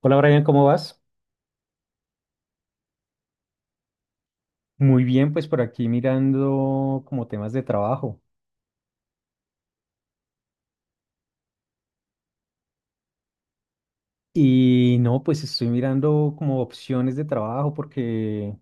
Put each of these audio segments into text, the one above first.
Hola Brian, ¿cómo vas? Muy bien, pues por aquí mirando como temas de trabajo. No, pues estoy mirando como opciones de trabajo porque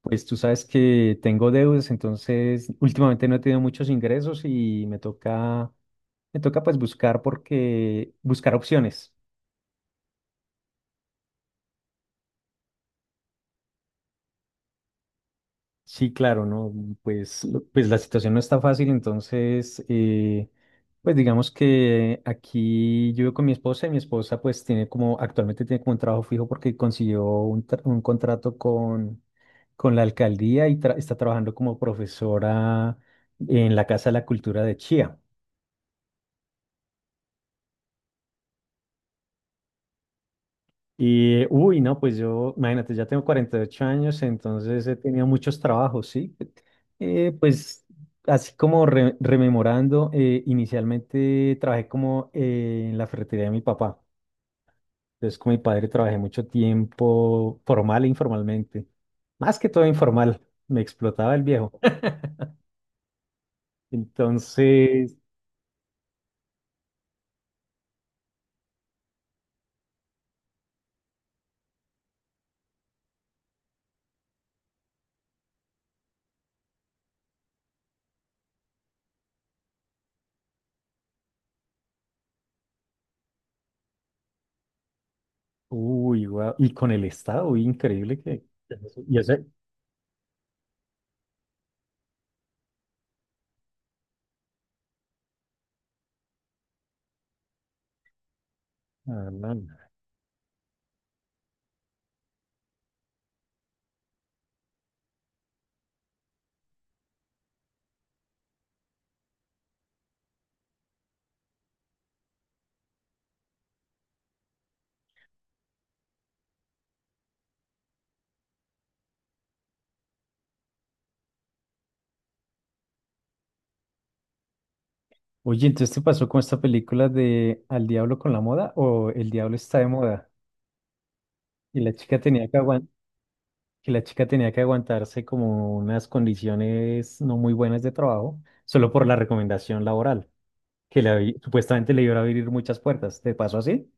pues tú sabes que tengo deudas, entonces últimamente no he tenido muchos ingresos y me toca pues buscar porque buscar opciones. Sí, claro, ¿no? Pues la situación no está fácil, entonces, pues digamos que aquí yo vivo con mi esposa y mi esposa pues tiene como, actualmente tiene como un trabajo fijo porque consiguió un contrato con la alcaldía y está trabajando como profesora en la Casa de la Cultura de Chía. No, pues yo, imagínate, ya tengo 48 años, entonces he tenido muchos trabajos, ¿sí? Pues así como rememorando, inicialmente trabajé como en la ferretería de mi papá. Entonces con mi padre trabajé mucho tiempo, formal e informalmente. Más que todo informal, me explotaba el viejo. Entonces, uy, guau. Y con el Estado, uy, increíble que... Y ese... Ah, no, no. Oye, entonces te pasó con esta película de Al diablo con la moda o El diablo está de moda, y la chica tenía que aguan- que la chica tenía que aguantarse como unas condiciones no muy buenas de trabajo solo por la recomendación laboral que supuestamente le iba a abrir muchas puertas. ¿Te pasó así?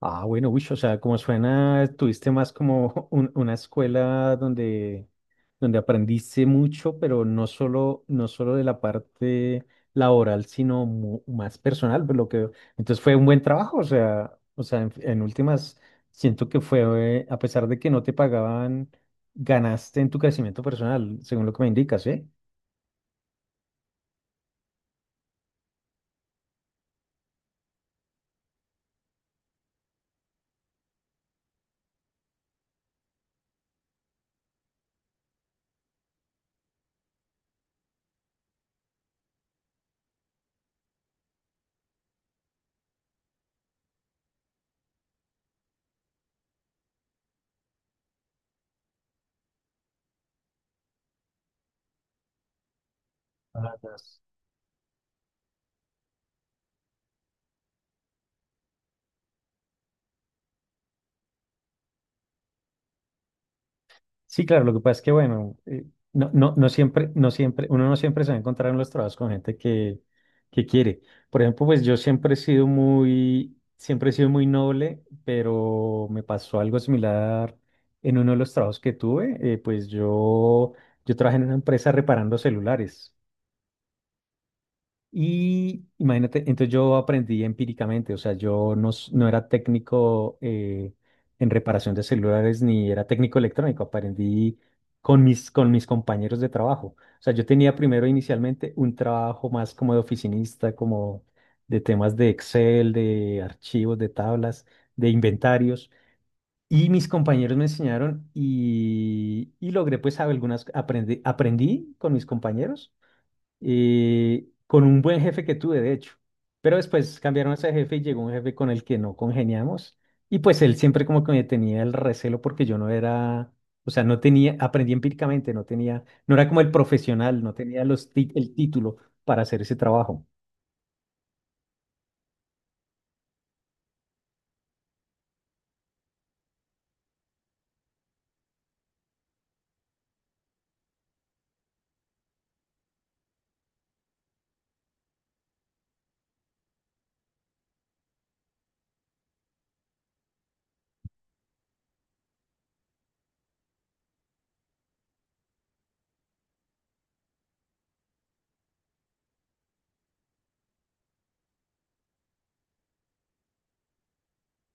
Ah, bueno, uy, o sea, como suena, tuviste más como una escuela donde, donde aprendiste mucho, pero no solo de la parte laboral, sino más personal, por lo que veo. Entonces fue un buen trabajo, en últimas, siento que fue, a pesar de que no te pagaban, ganaste en tu crecimiento personal, según lo que me indicas, ¿eh? Sí, claro, lo que pasa es que, bueno, no, no, no siempre, no siempre, uno no siempre se va a encontrar en los trabajos con gente que quiere. Por ejemplo, pues yo siempre he sido muy, siempre he sido muy noble, pero me pasó algo similar en uno de los trabajos que tuve. Yo trabajé en una empresa reparando celulares. Y imagínate, entonces yo aprendí empíricamente, o sea, yo no, s- no era técnico en reparación de celulares ni era técnico electrónico, aprendí con mis compañeros de trabajo. O sea, yo tenía primero inicialmente un trabajo más como de oficinista, como de temas de Excel, de archivos, de tablas, de inventarios. Y mis compañeros me enseñaron y logré pues algunas, aprendí con mis compañeros y con un buen jefe que tuve, de hecho. Pero después cambiaron a ese jefe y llegó un jefe con el que no congeniamos. Y pues él siempre como que me tenía el recelo porque yo no era, o sea, no tenía, aprendí empíricamente, no tenía, no era como el profesional, no tenía el título para hacer ese trabajo.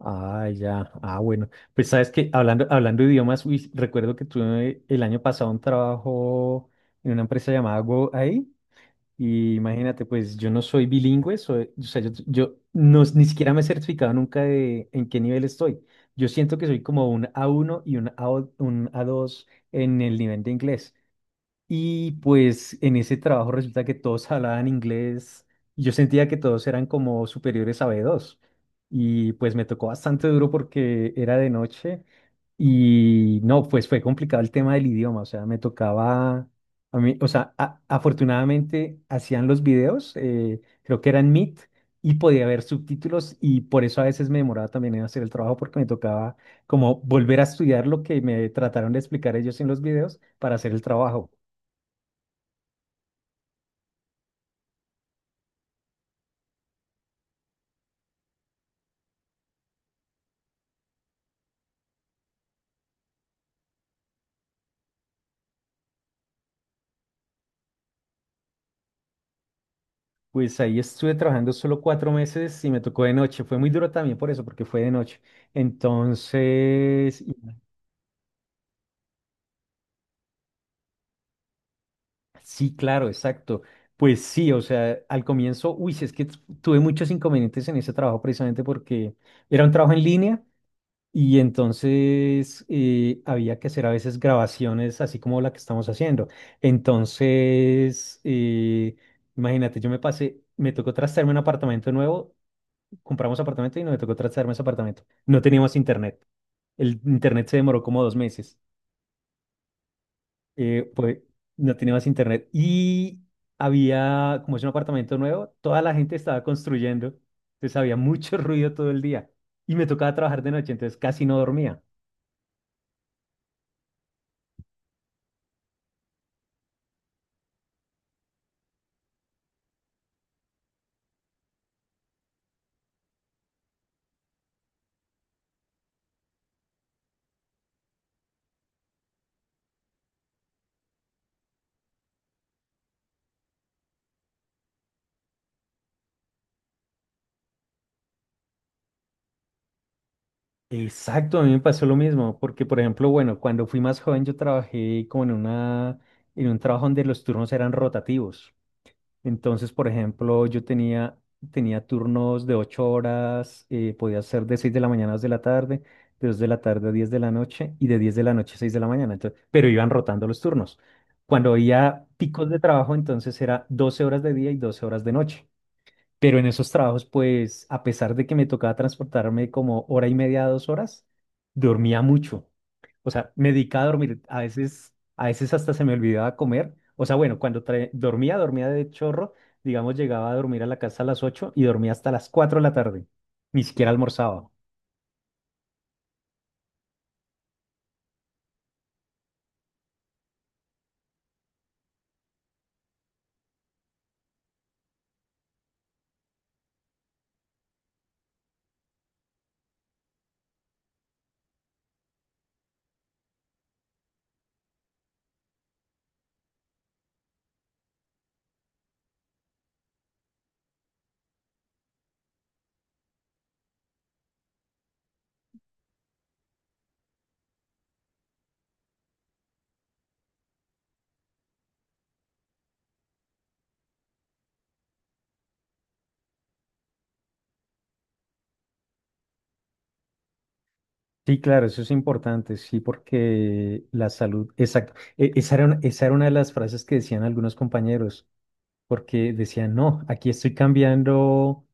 Ah, ya, ah, bueno. Pues sabes que hablando, hablando de idiomas, uy, recuerdo que tuve el año pasado un trabajo en una empresa llamada Go. Y imagínate, pues yo no soy bilingüe, soy, o sea, yo no, ni siquiera me he certificado nunca de en qué nivel estoy. Yo siento que soy como un A1 un A2 en el nivel de inglés. Y pues en ese trabajo resulta que todos hablaban inglés. Y yo sentía que todos eran como superiores a B2. Y pues me tocó bastante duro porque era de noche y no, pues fue complicado el tema del idioma, o sea, me tocaba, a mí, o sea, afortunadamente hacían los videos, creo que eran Meet, y podía ver subtítulos y por eso a veces me demoraba también en hacer el trabajo porque me tocaba como volver a estudiar lo que me trataron de explicar ellos en los videos para hacer el trabajo. Pues ahí estuve trabajando solo 4 meses y me tocó de noche. Fue muy duro también por eso, porque fue de noche. Entonces, sí, claro, exacto. Pues sí, o sea, al comienzo, uy, sí, es que tuve muchos inconvenientes en ese trabajo precisamente porque era un trabajo en línea y entonces había que hacer a veces grabaciones así como la que estamos haciendo. Entonces, imagínate, me tocó trastearme un apartamento nuevo, compramos apartamento y no me tocó trastearme ese apartamento. No teníamos internet. El internet se demoró como 2 meses, eh, pues no tenía más internet. Y había, como es un apartamento nuevo, toda la gente estaba construyendo. Entonces había mucho ruido todo el día. Y me tocaba trabajar de noche, entonces casi no dormía. Exacto, a mí me pasó lo mismo, porque por ejemplo, bueno, cuando fui más joven yo trabajé como en un trabajo donde los turnos eran rotativos. Entonces, por ejemplo, tenía turnos de 8 horas, podía ser de 6 de la mañana a 2 de la tarde, de 2 de la tarde a 10 de la noche y de 10 de la noche a 6 de la mañana. Entonces, pero iban rotando los turnos. Cuando había picos de trabajo, entonces era 12 horas de día y 12 horas de noche. Pero en esos trabajos, pues, a pesar de que me tocaba transportarme como hora y media, 2 horas, dormía mucho. O sea, me dedicaba a dormir. A veces hasta se me olvidaba comer. O sea, bueno, dormía, dormía de chorro. Digamos, llegaba a dormir a la casa a las 8 y dormía hasta las 4 de la tarde. Ni siquiera almorzaba. Sí, claro, eso es importante, sí, porque la salud, exacto. Esa era una de las frases que decían algunos compañeros. Porque decían, no, aquí estoy cambiando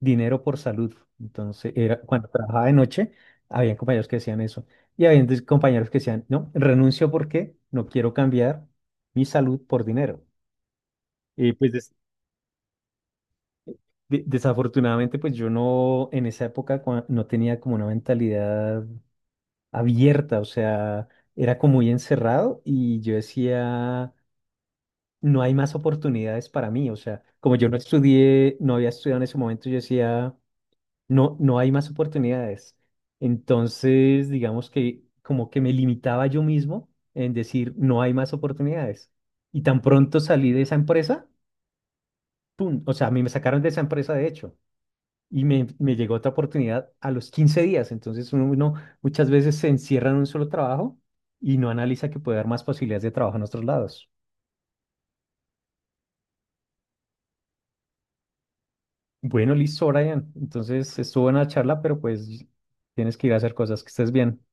dinero por salud. Entonces, era, cuando trabajaba de noche, había compañeros que decían eso. Y había entonces compañeros que decían, no, renuncio porque no quiero cambiar mi salud por dinero. Y pues des- desafortunadamente, pues yo no, en esa época no tenía como una mentalidad abierta, o sea, era como muy encerrado y yo decía, no hay más oportunidades para mí, o sea, como yo no estudié, no había estudiado en ese momento, yo decía no, no hay más oportunidades. Entonces, digamos que como que me limitaba yo mismo en decir, no hay más oportunidades. Y tan pronto salí de esa empresa, ¡pum! O sea, a mí me sacaron de esa empresa, de hecho, y me llegó otra oportunidad a los 15 días. Entonces, uno muchas veces se encierra en un solo trabajo y no analiza que puede haber más posibilidades de trabajo en otros lados. Bueno, listo, Brian. Entonces, estuvo en la charla, pero pues tienes que ir a hacer cosas, que estés bien.